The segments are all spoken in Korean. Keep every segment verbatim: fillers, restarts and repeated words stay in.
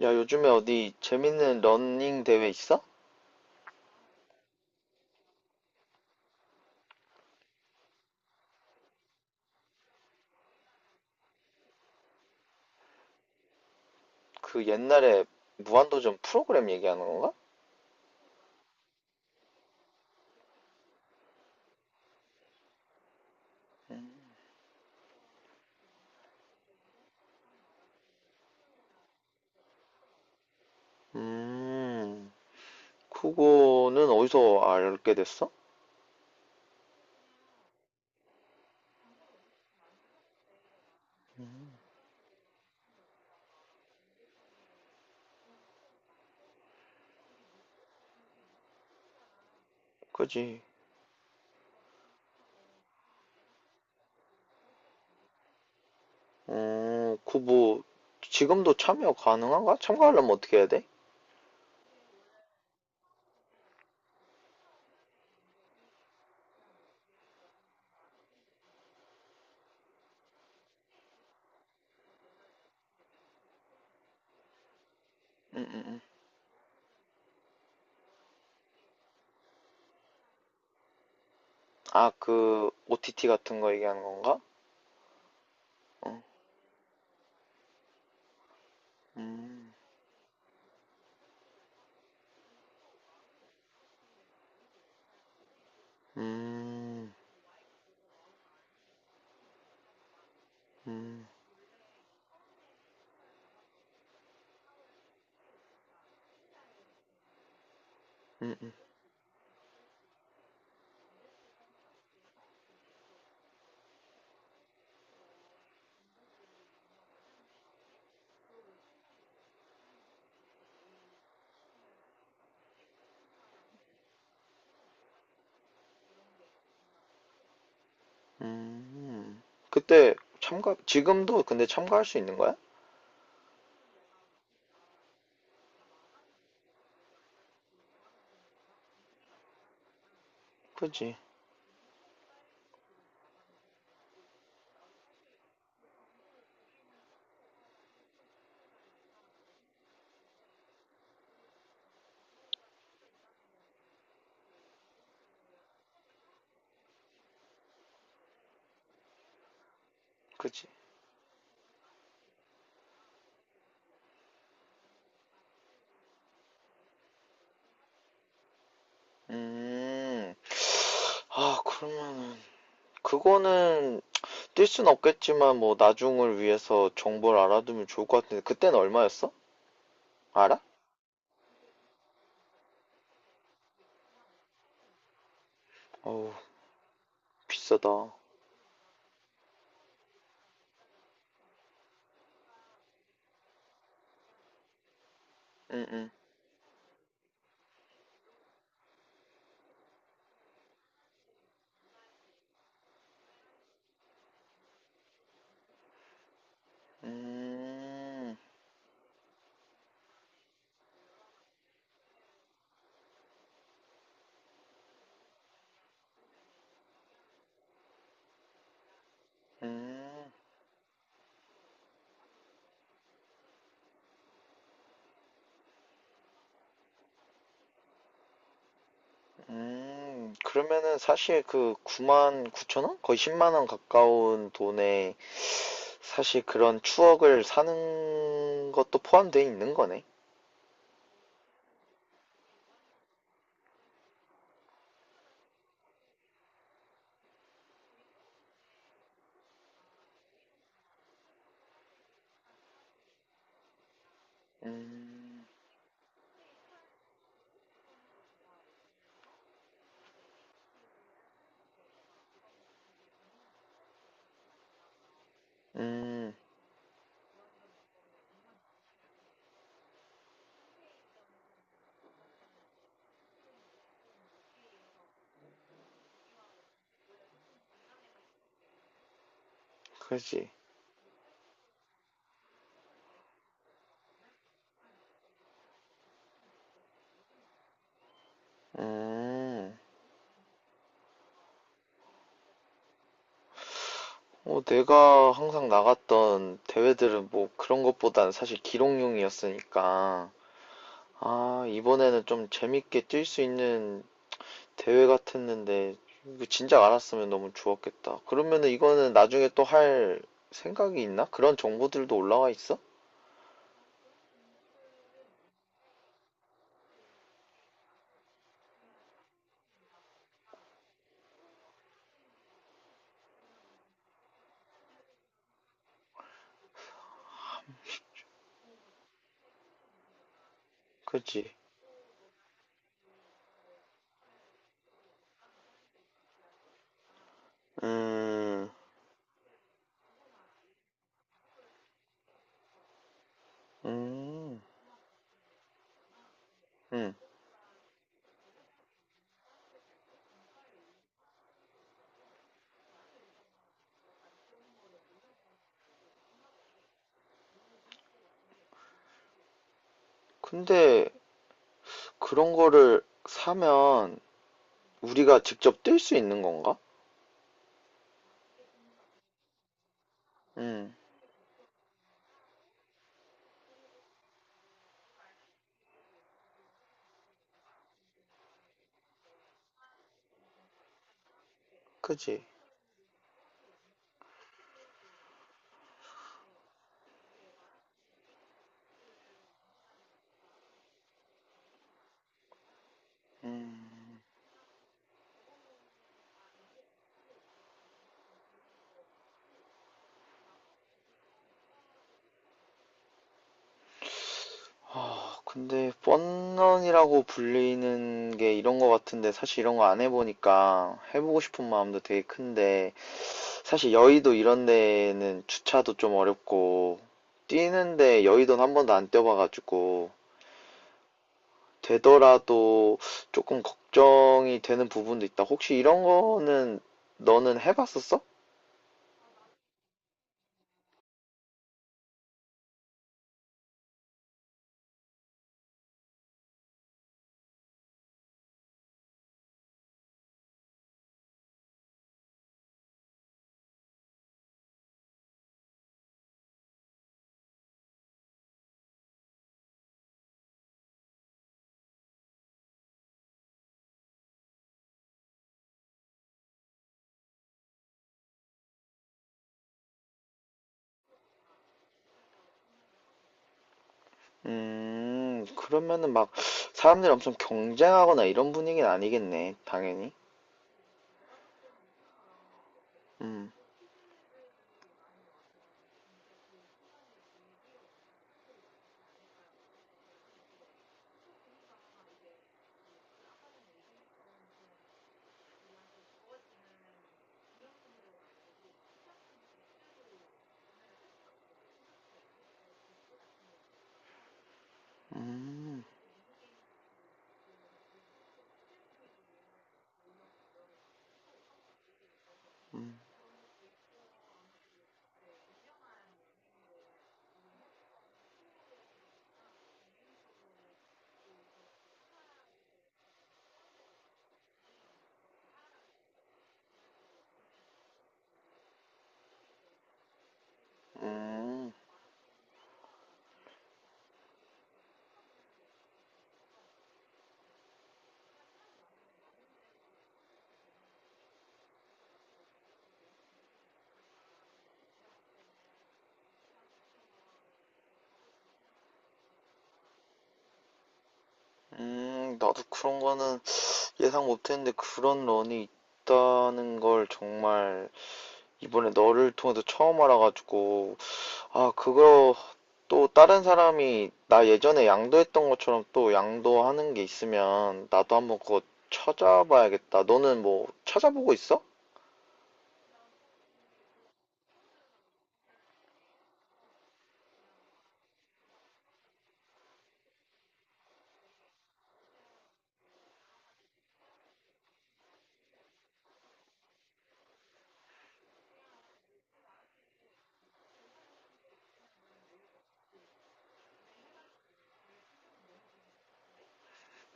야, 요즘에 어디 재밌는 러닝 대회 있어? 그 옛날에 무한도전 프로그램 얘기하는 건가? 음, 그거는 어디서 알게 됐어? 그지? 어, 그 뭐, 지금도 참여 가능한가? 참가하려면 어떻게 해야 돼? 음, 음, 음. 아, 그, 오티티 같은 거 얘기하는 건가? 어, 음, 음, 음, 음, 음, 음. 그때 참가, 지금도 근데 참가할 수 있는 거야? 그지, 그지. 음. 아, 그러면은 그거는 뛸 순 없겠지만 뭐 나중을 위해서 정보를 알아두면 좋을 것 같은데 그때는 얼마였어? 알아? 어우, 비싸다. 으응.. 응 음, 음, 음. 그러면은 사실 그 구만 구천 원? 거의 십만 원 가까운 돈에 사실 그런 추억을 사는 것도 포함되어 있는 거네. 음, 음, 그렇지. 음. 어, 내가 항상 나갔던 대회들은 뭐 그런 것보단 사실 기록용이었으니까, 아, 이번에는 좀 재밌게 뛸 수 있는 대회 같았는데, 이거 진작 알았으면 너무 좋았겠다. 그러면은 이거는 나중에 또 할 생각이 있나? 그런 정보들도 올라와 있어? 그지? 음, 음, 음. 근데 그런 거를 사면 우리가 직접 뛸 수 있는 건가? 음, 그지? 아, 근데 뻔런이라고 불리는 게 이런 거 같은데 사실 이런 거 안 해보니까 해보고 싶은 마음도 되게 큰데 사실 여의도 이런 데는 주차도 좀 어렵고 뛰는데 여의도는 한 번도 안 뛰어봐가지고 되더라도 조금 걱정이 되는 부분도 있다. 혹시 이런 거는 너는 해봤었어? 음, 그러면은 막 사람들이 엄청 경쟁하거나 이런 분위기는 아니겠네, 당연히. 음, 음. 음, 음, 나도 그런 거는 예상 못했는데 그런 런이 있다는 걸 정말 이번에 너를 통해서 처음 알아가지고 아 그거 또 다른 사람이 나 예전에 양도했던 것처럼 또 양도하는 게 있으면 나도 한번 그거 찾아봐야겠다. 너는 뭐 찾아보고 있어?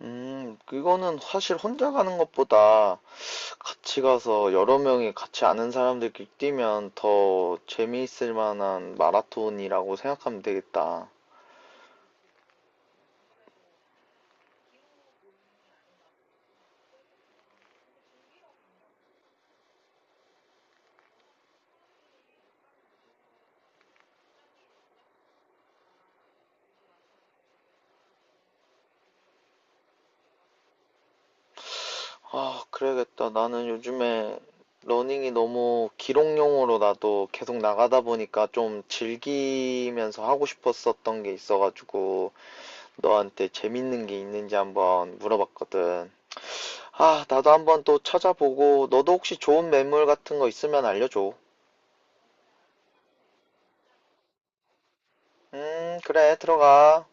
음, 그거는 사실 혼자 가는 것보다 같이 가서 여러 명이 같이 아는 사람들끼리 뛰면 더 재미있을 만한 마라톤이라고 생각하면 되겠다. 아, 그래야겠다. 나는 요즘에 러닝이 너무 기록용으로 나도 계속 나가다 보니까 좀 즐기면서 하고 싶었었던 게 있어가지고 너한테 재밌는 게 있는지 한번 물어봤거든. 아, 나도 한번 또 찾아보고 너도 혹시 좋은 매물 같은 거 있으면 알려줘. 음, 그래, 들어가.